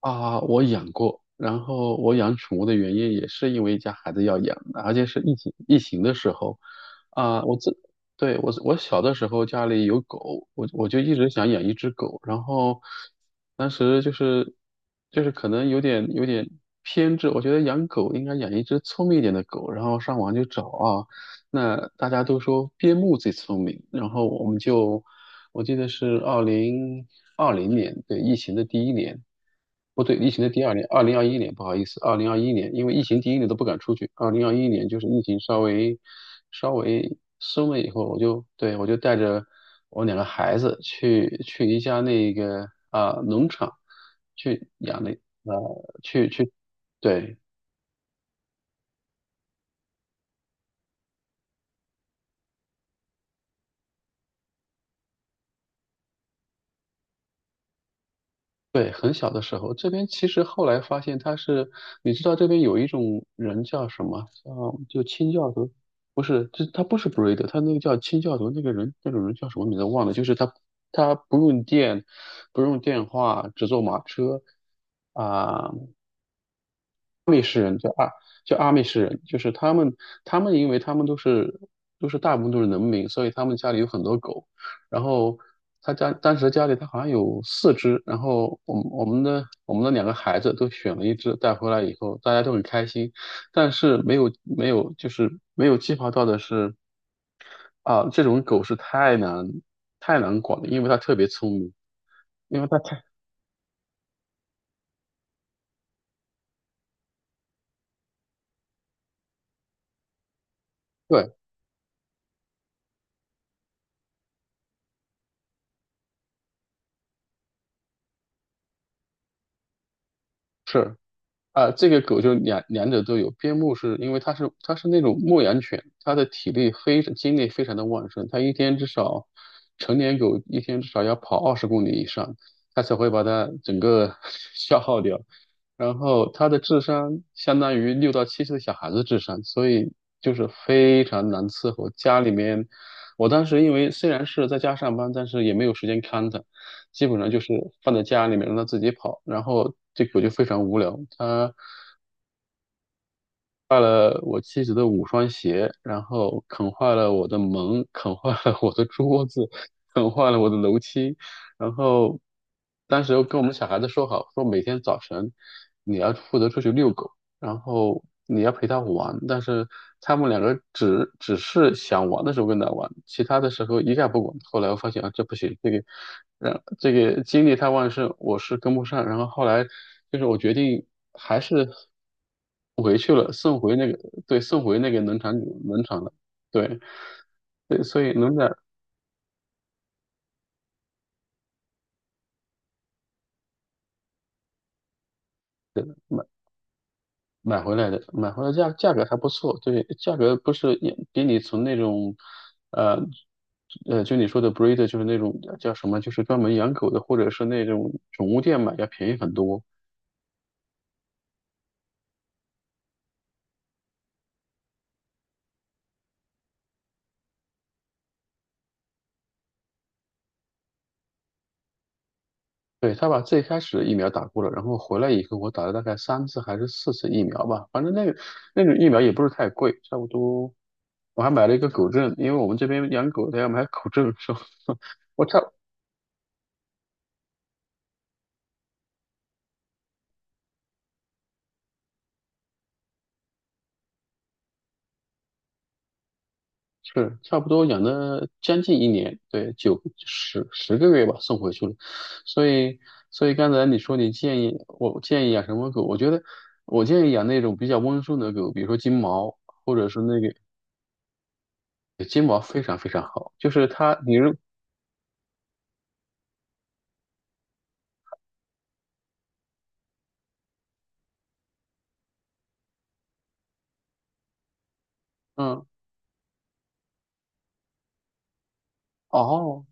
啊，我养过，然后我养宠物的原因也是因为家孩子要养，而且是疫情的时候，啊，对，我小的时候家里有狗，我就一直想养一只狗，然后当时就是可能有点偏执，我觉得养狗应该养一只聪明一点的狗，然后上网就找啊，那大家都说边牧最聪明，然后我们就，我记得是2020年，对，疫情的第一年，不对，疫情的第二年，二零二一年，不好意思，二零二一年，因为疫情第一年都不敢出去，二零二一年就是疫情稍微松了以后，我就，对，我就带着我两个孩子去一家那个农场去养那，对。对，很小的时候，这边其实后来发现他是，你知道这边有一种人叫什么？叫就清教徒，不是，这他不是 breed，他那个叫清教徒那个人，那种人叫什么名字忘了，就是他他不用电，不用电话，只坐马车啊、就阿美士人，就是他们，他们因为他们都是大部分都是农民，所以他们家里有很多狗。然后他家当时家里他好像有四只，然后我们的两个孩子都选了一只带回来以后，大家都很开心。但是没有就是没有计划到的是，啊，这种狗是太难管了，因为它特别聪明，因为它太对，是。啊，这个狗就两者都有。边牧是因为它是那种牧羊犬，它的体力非常精力非常的旺盛，它一天至少成年狗一天至少要跑20公里以上，它才会把它整个 消耗掉。然后它的智商相当于6到7岁小孩子智商，所以就是非常难伺候。家里面，我当时因为虽然是在家上班，但是也没有时间看它，基本上就是放在家里面让它自己跑，然后这狗就非常无聊，它。坏了我妻子的五双鞋，然后啃坏了我的门，啃坏了我的桌子，啃坏了我的楼梯。然后当时又跟我们小孩子说好，说每天早晨你要负责出去遛狗。然后你要陪他玩，但是他们两个只是想玩的时候跟他玩，其他的时候一概不管。后来我发现啊，这不行，这个，让这个精力太旺盛，我是跟不上。然后后来就是我决定还是回去了，送回那个，对，送回那个农场主农场了。对对，所以农场。买回来的，买回来价格还不错，对，价格不是也比你从那种，呃，就你说的 breed 就是那种叫什么，就是专门养狗的，或者是那种宠物店买要便宜很多。对，他把最开始的疫苗打过了，然后回来以后我打了大概三次还是四次疫苗吧，反正那个那种疫苗也不是太贵，差不多。我还买了一个狗证，因为我们这边养狗的要买狗证，是吧？我差是差不多养了将近一年，对，十个月吧，送回去了。所以，所以刚才你说你建议我建议养什么狗，我觉得我建议养那种比较温顺的狗，比如说金毛，或者是那个金毛非常非常好，就是它，嗯，哦，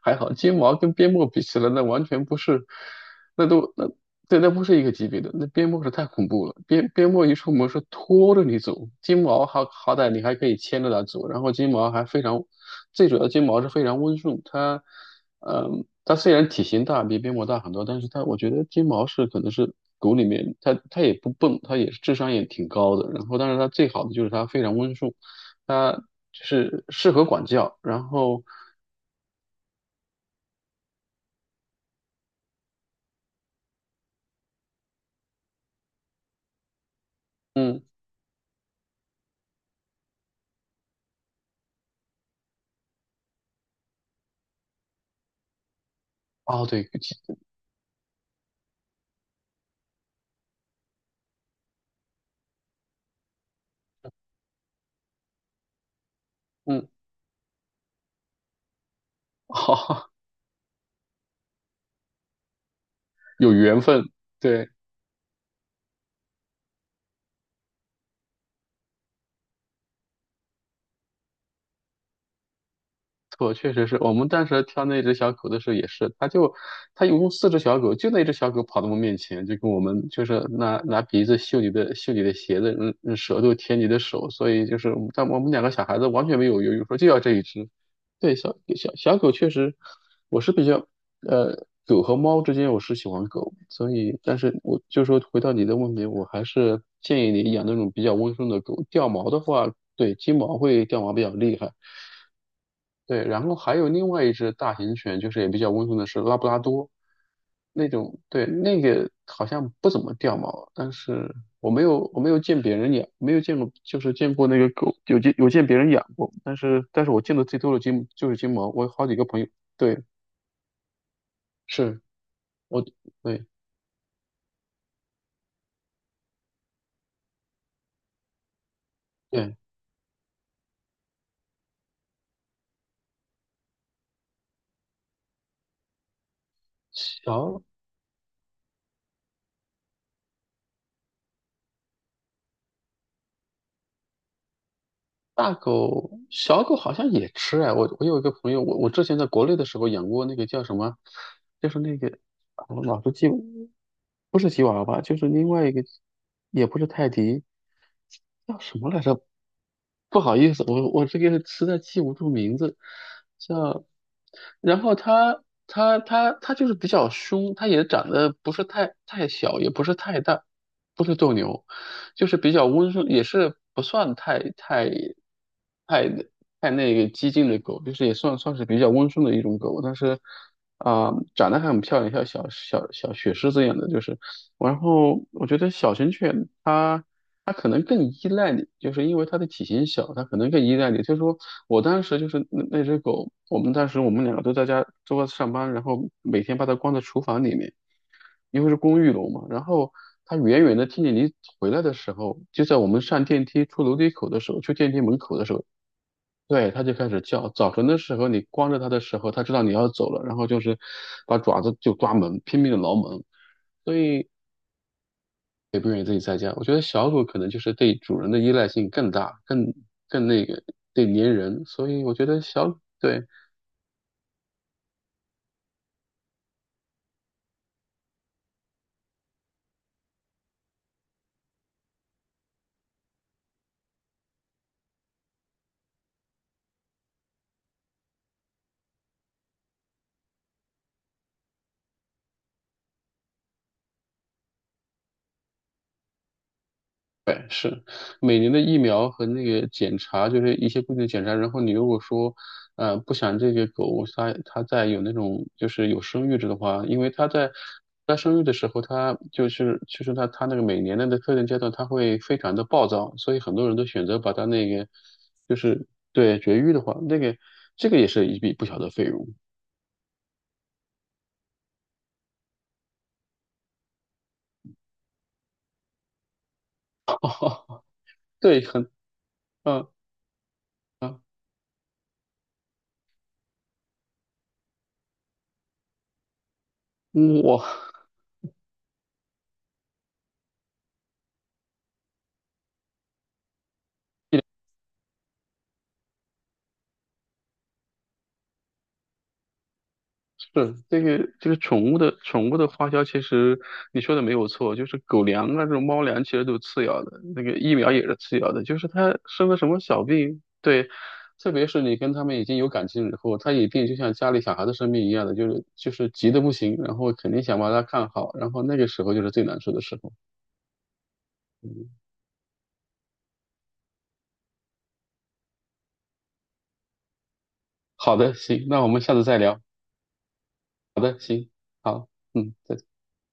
还好，金毛跟边牧比起来，那完全不是，那都那对，那不是一个级别的。那边牧是太恐怖了，边牧一出门是拖着你走，金毛好歹你还可以牵着它走，然后金毛还非常，最主要金毛是非常温顺，它，嗯，它虽然体型大比边牧大很多，但是它我觉得金毛是可能是狗里面它也不笨，它也是智商也挺高的，然后但是它最好的就是它非常温顺，它就是适合管教，然后。嗯。哦，对，雨天。嗯。好，有缘分，对。错，确实是我们当时挑那只小狗的时候也是，它就它一共四只小狗，就那只小狗跑到我们面前，就跟我们就是拿鼻子嗅你的鞋子，嗯，舌头舔你的手，所以就是我们但我们两个小孩子完全没有犹豫，说就要这一只。对，小狗确实，我是比较狗和猫之间我是喜欢狗，所以但是我就说回到你的问题，我还是建议你养那种比较温顺的狗，掉毛的话，对，金毛会掉毛比较厉害。对，然后还有另外一只大型犬，就是也比较温顺的是拉布拉多，那种，对，那个好像不怎么掉毛，但是我没有见别人养，没有见过，就是见过那个狗，有见别人养过，但是我见的最多的就是金毛，我有好几个朋友，对，是我对对，小大狗、小狗好像也吃哎，我我有一个朋友，我之前在国内的时候养过那个叫什么，就是那个，啊我老是记不是吉娃娃就是另外一个，也不是泰迪，叫什么来着？不好意思，我这个实在记不住名字，叫，然后它就是比较凶，它也长得不是太小，也不是太大，不是斗牛。就是比较温顺，也是不算太太那个激进的狗，就是也算是比较温顺的一种狗，但是啊、长得还很漂亮，像小雪狮子一样的，就是。然后我觉得小型犬它可能更依赖你，就是因为它的体型小，它可能更依赖你。就是说我当时就是那只狗，我们当时我们两个都在家都在上班，然后每天把它关在厨房里面。因为是公寓楼嘛，然后他远远的听见你回来的时候，就在我们上电梯出楼梯口的时候，去电梯门口的时候，对，他就开始叫。早晨的时候，你光着他的时候，他知道你要走了，然后就是把爪子就抓门，拼命的挠门，所以也不愿意自己在家。我觉得小狗可能就是对主人的依赖性更大，更更那个，对粘人，所以我觉得小，对。对，是每年的疫苗和那个检查，就是一些固定的检查。然后你如果说，不想这个狗它再有那种就是有生育制的话，因为它在它生育的时候，它就是它那个每年的那特定阶段，它会非常的暴躁，所以很多人都选择把它那个就是对绝育的话，那个这个也是一笔不小的费用。对，嗯嗯，我是这个这个宠物的花销，其实你说的没有错，就是狗粮啊，这种猫粮其实都是次要的，那个疫苗也是次要的，就是它生了什么小病，对，特别是你跟他们已经有感情以后，它一定就像家里小孩的生病一样的，就是急得不行，然后肯定想把它看好，然后那个时候就是最难受的时候。嗯，好的，行，那我们下次再聊。好的，行，好，嗯，再见。